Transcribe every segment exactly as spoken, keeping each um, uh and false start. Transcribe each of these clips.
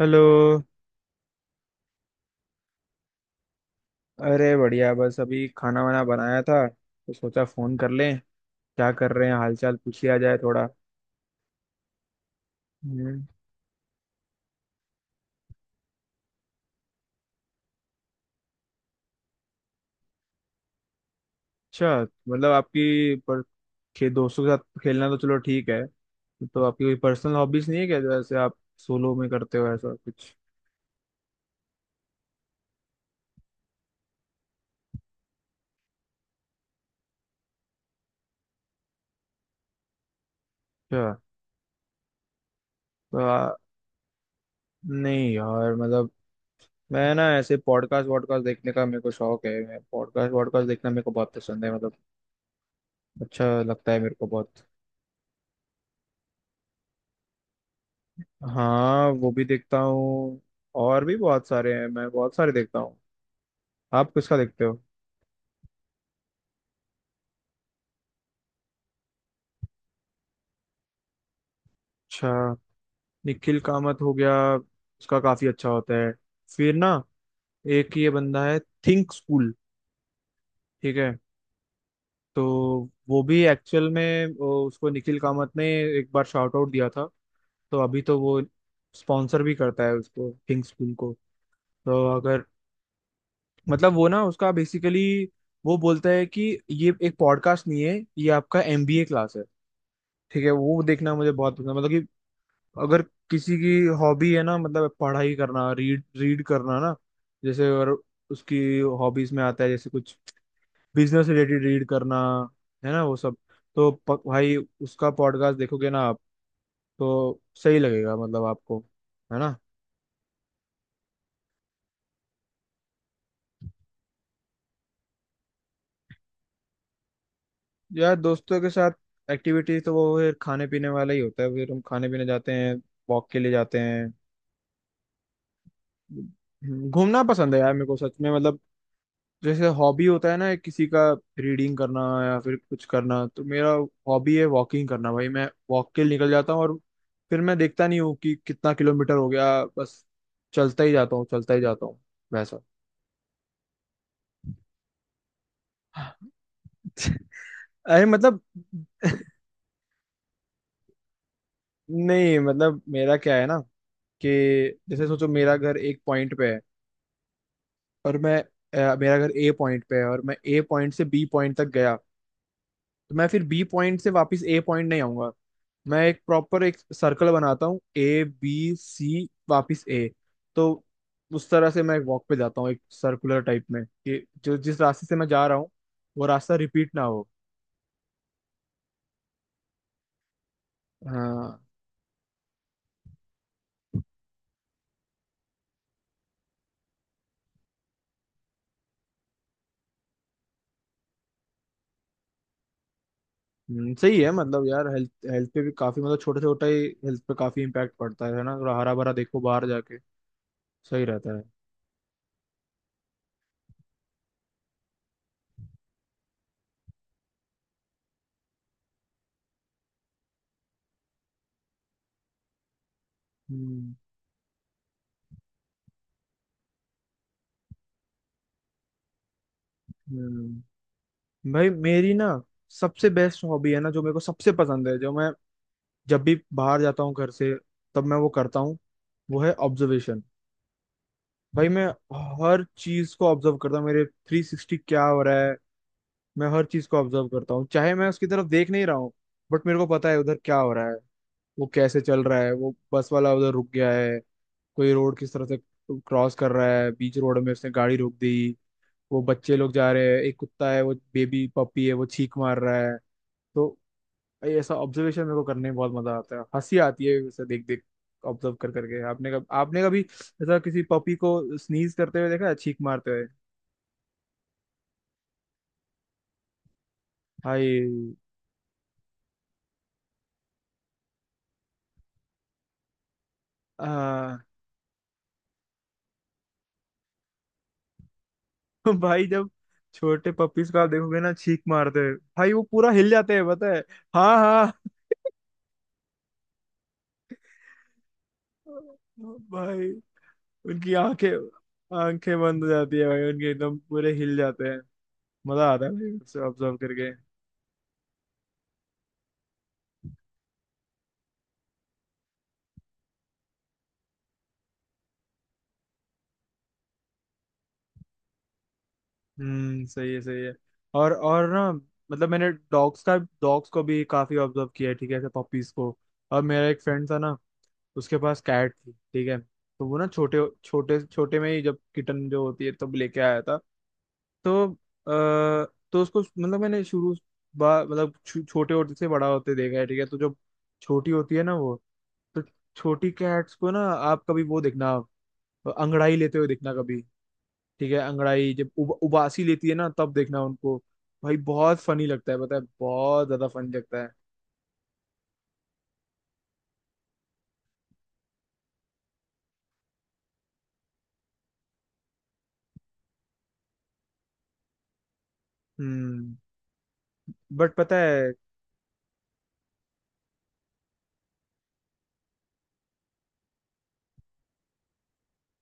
Hello. अरे बढ़िया, बस अभी खाना वाना बनाया था तो सोचा फोन कर लें, क्या कर रहे हैं, हालचाल पूछ लिया जाए थोड़ा। हम्म, अच्छा, मतलब आपकी पर खे, दोस्तों के साथ खेलना, तो चलो ठीक है। तो आपकी कोई पर्सनल हॉबीज नहीं है क्या, जैसे आप सोलो में करते हो ऐसा कुछ? अच्छा। तो आ, नहीं यार, मतलब मैं ना ऐसे पॉडकास्ट वॉडकास्ट देखने का मेरे को शौक है। मैं पॉडकास्ट वॉडकास्ट देखना मेरे को बहुत पसंद है, मतलब अच्छा लगता है मेरे को बहुत। हाँ, वो भी देखता हूँ। और भी बहुत सारे हैं, मैं बहुत सारे देखता हूँ। आप किसका देखते हो? अच्छा, निखिल कामत हो गया, उसका काफी अच्छा होता है। फिर ना, एक ये बंदा है, थिंक स्कूल, ठीक है। तो वो भी एक्चुअल में वो- उसको निखिल कामत ने एक बार शाउट आउट दिया था, तो अभी तो वो स्पॉन्सर भी करता है उसको, थिंक स्कूल को। तो अगर, मतलब वो ना उसका बेसिकली, वो बोलता है कि ये एक पॉडकास्ट नहीं है, ये आपका एमबीए क्लास है, ठीक है। वो देखना मुझे बहुत पसंद है, मतलब कि अगर किसी की हॉबी है ना, मतलब पढ़ाई करना, रीड रीड करना ना, जैसे, और उसकी हॉबीज में आता है जैसे कुछ बिजनेस रिलेटेड रीड करना, है ना वो सब, तो प, भाई उसका पॉडकास्ट देखोगे ना आप, तो सही लगेगा मतलब आपको, है ना। यार दोस्तों के साथ एक्टिविटी तो वो फिर खाने पीने वाला ही होता है, फिर हम खाने पीने जाते हैं, वॉक के लिए जाते हैं। घूमना पसंद है यार मेरे को, सच में, मतलब जैसे हॉबी होता है ना किसी का रीडिंग करना या फिर कुछ करना, तो मेरा हॉबी है वॉकिंग करना। भाई मैं वॉक के लिए निकल जाता हूँ और फिर मैं देखता नहीं हूँ कि कितना किलोमीटर हो गया, बस चलता ही जाता हूँ, चलता ही जाता हूँ वैसा। अरे मतलब, नहीं, मतलब मेरा क्या है ना, कि जैसे सोचो मेरा घर एक पॉइंट पे है और मैं अ, मेरा घर ए पॉइंट पे है और मैं ए पॉइंट से बी पॉइंट तक गया, तो मैं फिर बी पॉइंट से वापस ए पॉइंट नहीं आऊंगा। मैं एक प्रॉपर एक सर्कल बनाता हूँ, ए बी सी वापस ए। तो उस तरह से मैं वॉक पे जाता हूँ, एक सर्कुलर टाइप में, कि जो जिस रास्ते से मैं जा रहा हूँ वो रास्ता रिपीट ना हो। हाँ। हम्म, सही है मतलब, यार हेल्थ हेल्थ पे भी काफी मतलब, छोटा छोटा ही हेल्थ पे काफी इम्पैक्ट पड़ता है है ना, थोड़ा हरा भरा देखो बाहर जाके, सही रहता है। हम्म। हम्म। भाई मेरी ना सबसे बेस्ट हॉबी है ना, जो मेरे को सबसे पसंद है, जो मैं जब भी बाहर जाता हूँ घर से, तब मैं वो करता हूँ, वो है ऑब्जर्वेशन। भाई मैं हर चीज को ऑब्जर्व करता हूँ, मेरे थ्री सिक्सटी क्या हो रहा है। मैं हर चीज को ऑब्जर्व करता हूँ, चाहे मैं उसकी तरफ देख नहीं रहा हूँ, बट मेरे को पता है उधर क्या हो रहा है। वो कैसे चल रहा है, वो बस वाला उधर रुक गया है, कोई रोड किस तरह से क्रॉस कर रहा है, बीच रोड में उसने गाड़ी रोक दी, वो बच्चे लोग जा रहे हैं, एक कुत्ता है वो बेबी पपी है वो छींक मार रहा है। तो भाई ऐसा ऑब्जर्वेशन मेरे को करने में बहुत मजा आता है, हंसी आती है उसे देख देख ऑब्जर्व कर करके। आपने कब आपने कभी ऐसा किसी पपी को स्नीज करते हुए देखा है, छींक मारते हुए? भाई आ, भाई जब छोटे पपीज को आप देखोगे ना छींक मारते हुए, भाई वो पूरा हिल जाते हैं, पता है। हाँ हाँ। भाई उनकी आंखें आंखें बंद हो जाती है भाई उनके, एकदम पूरे हिल जाते हैं। मजा आता है भाई उसे ऑब्जर्व करके। हम्म, सही है सही है। और और ना मतलब मैंने डॉग्स का डॉग्स को भी काफी ऑब्जर्व किया है, ठीक है, ऐसे पपीज को। और मेरा एक फ्रेंड था ना, उसके पास कैट थी, ठीक है, तो वो ना छोटे छोटे छोटे में ही, जब किटन जो होती है तब लेके आया था। तो अ, तो उसको मतलब मैंने शुरू बा- मतलब छो, छोटे होते से बड़ा होते देखा है, ठीक है। तो जो छोटी होती है ना वो, तो छोटी कैट्स को ना, आप कभी वो देखना अंगड़ाई लेते हुए देखना कभी, ठीक है। अंगड़ाई जब उब, उबासी लेती है ना, तब देखना उनको। भाई बहुत फनी लगता है, पता है, बहुत ज्यादा फनी लगता है। हम्म। बट पता है,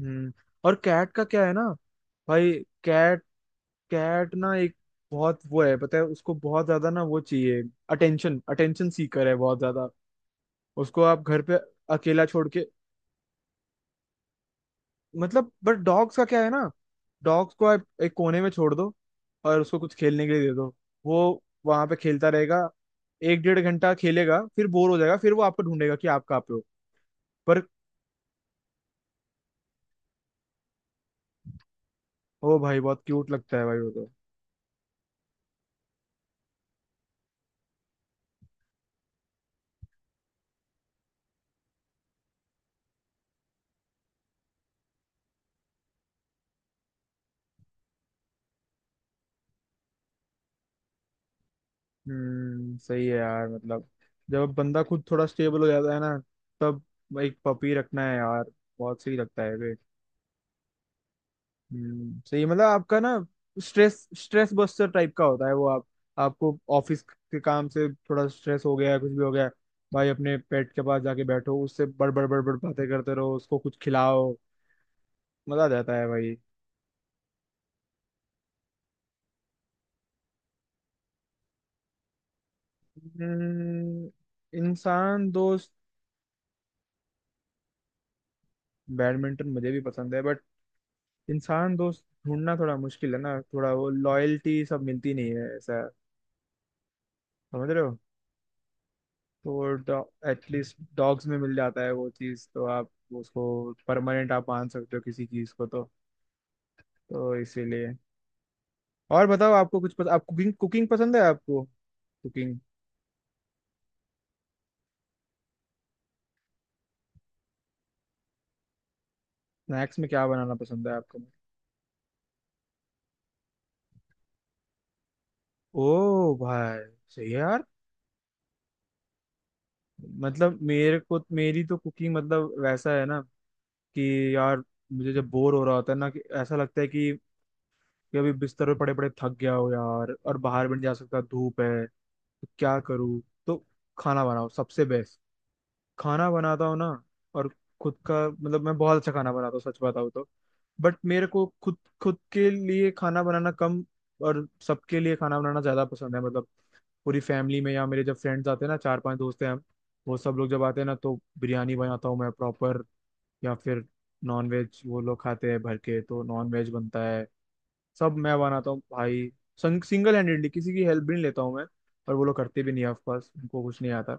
हम्म, और कैट का क्या है ना, भाई कैट कैट ना एक बहुत वो है, पता है, उसको बहुत ज्यादा ना वो चाहिए, अटेंशन अटेंशन सीकर है बहुत ज्यादा। उसको आप घर पे अकेला छोड़ के, मतलब, बट डॉग्स का क्या है ना, डॉग्स को आप एक कोने में छोड़ दो और उसको कुछ खेलने के लिए दे दो, वो वहां पे खेलता रहेगा, एक डेढ़ घंटा खेलेगा, फिर बोर हो जाएगा, फिर वो आपको ढूंढेगा कि आप कहाँ पे हो। पर ओ भाई, बहुत क्यूट लगता है भाई वो तो। हम्म, सही है यार, मतलब जब बंदा खुद थोड़ा स्टेबल हो जाता है ना, तब एक पपी रखना है यार, बहुत सही लगता है वे। हम्म, सही, मतलब आपका ना स्ट्रेस स्ट्रेस बस्टर टाइप का होता है वो। आप, आपको ऑफिस के काम से थोड़ा स्ट्रेस हो गया, कुछ भी हो गया, भाई अपने पेट के पास जाके बैठो, उससे बड़बड़ बड़बड़ बातें करते रहो, उसको कुछ खिलाओ, मजा आ जाता है भाई। हम्म, इंसान दोस्त। बैडमिंटन मुझे भी पसंद है, बट इंसान दोस्त ढूंढना थोड़ा मुश्किल है ना, थोड़ा वो लॉयल्टी सब मिलती नहीं है, ऐसा है। समझ रहे हो? तो एटलीस्ट डॉग्स में मिल जाता है वो चीज़, तो आप उसको परमानेंट आप मान सकते हो किसी चीज़ को, तो तो इसीलिए। और बताओ, आपको कुछ पस, आप कुकिंग कुकिंग पसंद है आपको, कुकिंग? स्नैक्स में क्या बनाना पसंद है आपको? ओ भाई, सही है यार, मतलब मेरे को मेरी तो कुकिंग, मतलब वैसा है ना कि यार मुझे जब बोर हो रहा होता है ना, कि ऐसा लगता है कि कि अभी बिस्तर पे पड़े पड़े थक गया हो यार, और बाहर भी नहीं जा सकता, धूप है तो क्या करूँ, तो खाना बनाओ सबसे बेस्ट। खाना बनाता हूँ ना, और खुद का, मतलब मैं बहुत अच्छा खाना बनाता हूँ, सच बताऊँ तो। बट मेरे को खुद खुद के लिए खाना बनाना कम और सबके लिए खाना बनाना ज्यादा पसंद है, मतलब पूरी फैमिली में या मेरे जब फ्रेंड्स आते हैं ना, चार पांच दोस्त हैं हम, वो सब लोग जब आते हैं ना तो बिरयानी बनाता हूँ मैं प्रॉपर, या फिर नॉन वेज वो लोग खाते हैं भर के तो नॉन वेज बनता है, सब मैं बनाता हूँ भाई, संग, सिंगल हैंडेडली किसी की हेल्प भी नहीं लेता हूँ मैं, और वो लोग करते भी नहीं है, ऑफ कोर्स उनको कुछ नहीं आता।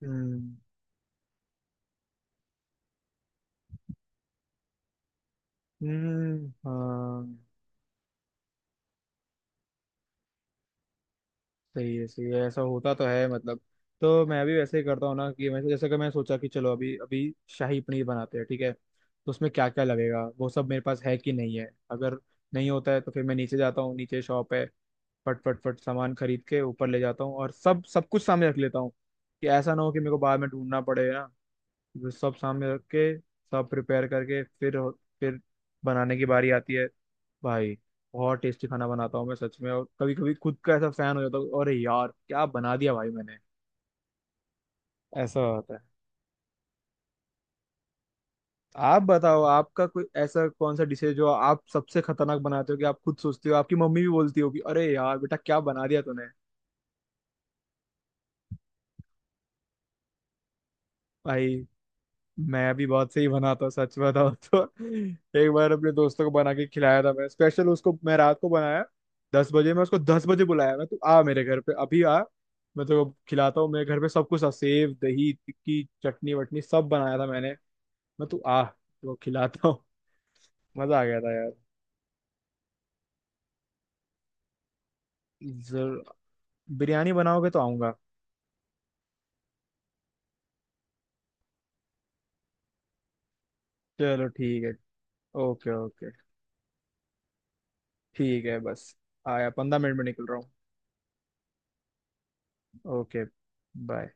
बट हम्म, हाँ। सही है, सही है, ऐसा होता तो है, मतलब तो मैं भी वैसे ही करता हूँ ना, कि मैं जैसे कि मैं सोचा कि चलो अभी अभी शाही पनीर बनाते हैं, ठीक है, तो उसमें क्या क्या लगेगा, वो सब मेरे पास है कि नहीं है। अगर नहीं होता है तो फिर मैं नीचे जाता हूँ, नीचे शॉप है, फट फट फट सामान खरीद के ऊपर ले जाता हूँ और सब सब कुछ सामने रख लेता हूँ, कि ऐसा ना हो कि मेरे को बाद में ढूंढना पड़े ना। जो सब सामने रख के, सब प्रिपेयर करके, फिर फिर बनाने की बारी आती है। भाई बहुत टेस्टी खाना बनाता हूँ मैं, सच में, और कभी कभी खुद का ऐसा फैन हो जाता हूँ, अरे यार क्या बना दिया भाई मैंने। ऐसा होता है। आप बताओ, आपका कोई ऐसा कौन सा डिश है जो आप सबसे खतरनाक बनाते हो, कि आप खुद सोचते हो आपकी मम्मी भी बोलती होगी, अरे यार बेटा क्या बना दिया तूने। भाई मैं भी बहुत सही बनाता हूँ, सच बताओ तो। एक बार अपने दोस्तों को बना के खिलाया था मैं स्पेशल उसको, मैं रात को बनाया, दस बजे, मैं उसको दस बजे बुलाया, मैं तू आ मेरे घर पे अभी आ, मैं तो खिलाता हूँ, मेरे घर पे सब कुछ था, सेव दही टिक्की चटनी वटनी सब बनाया था मैंने, मैं तू आ तो खिलाता हूँ। मजा आ गया था यार। जरूर, बिरयानी बनाओगे तो आऊंगा। चलो ठीक है, ओके ओके। ठीक है बस, आया, पंद्रह मिनट में निकल रहा हूँ। Okay, bye.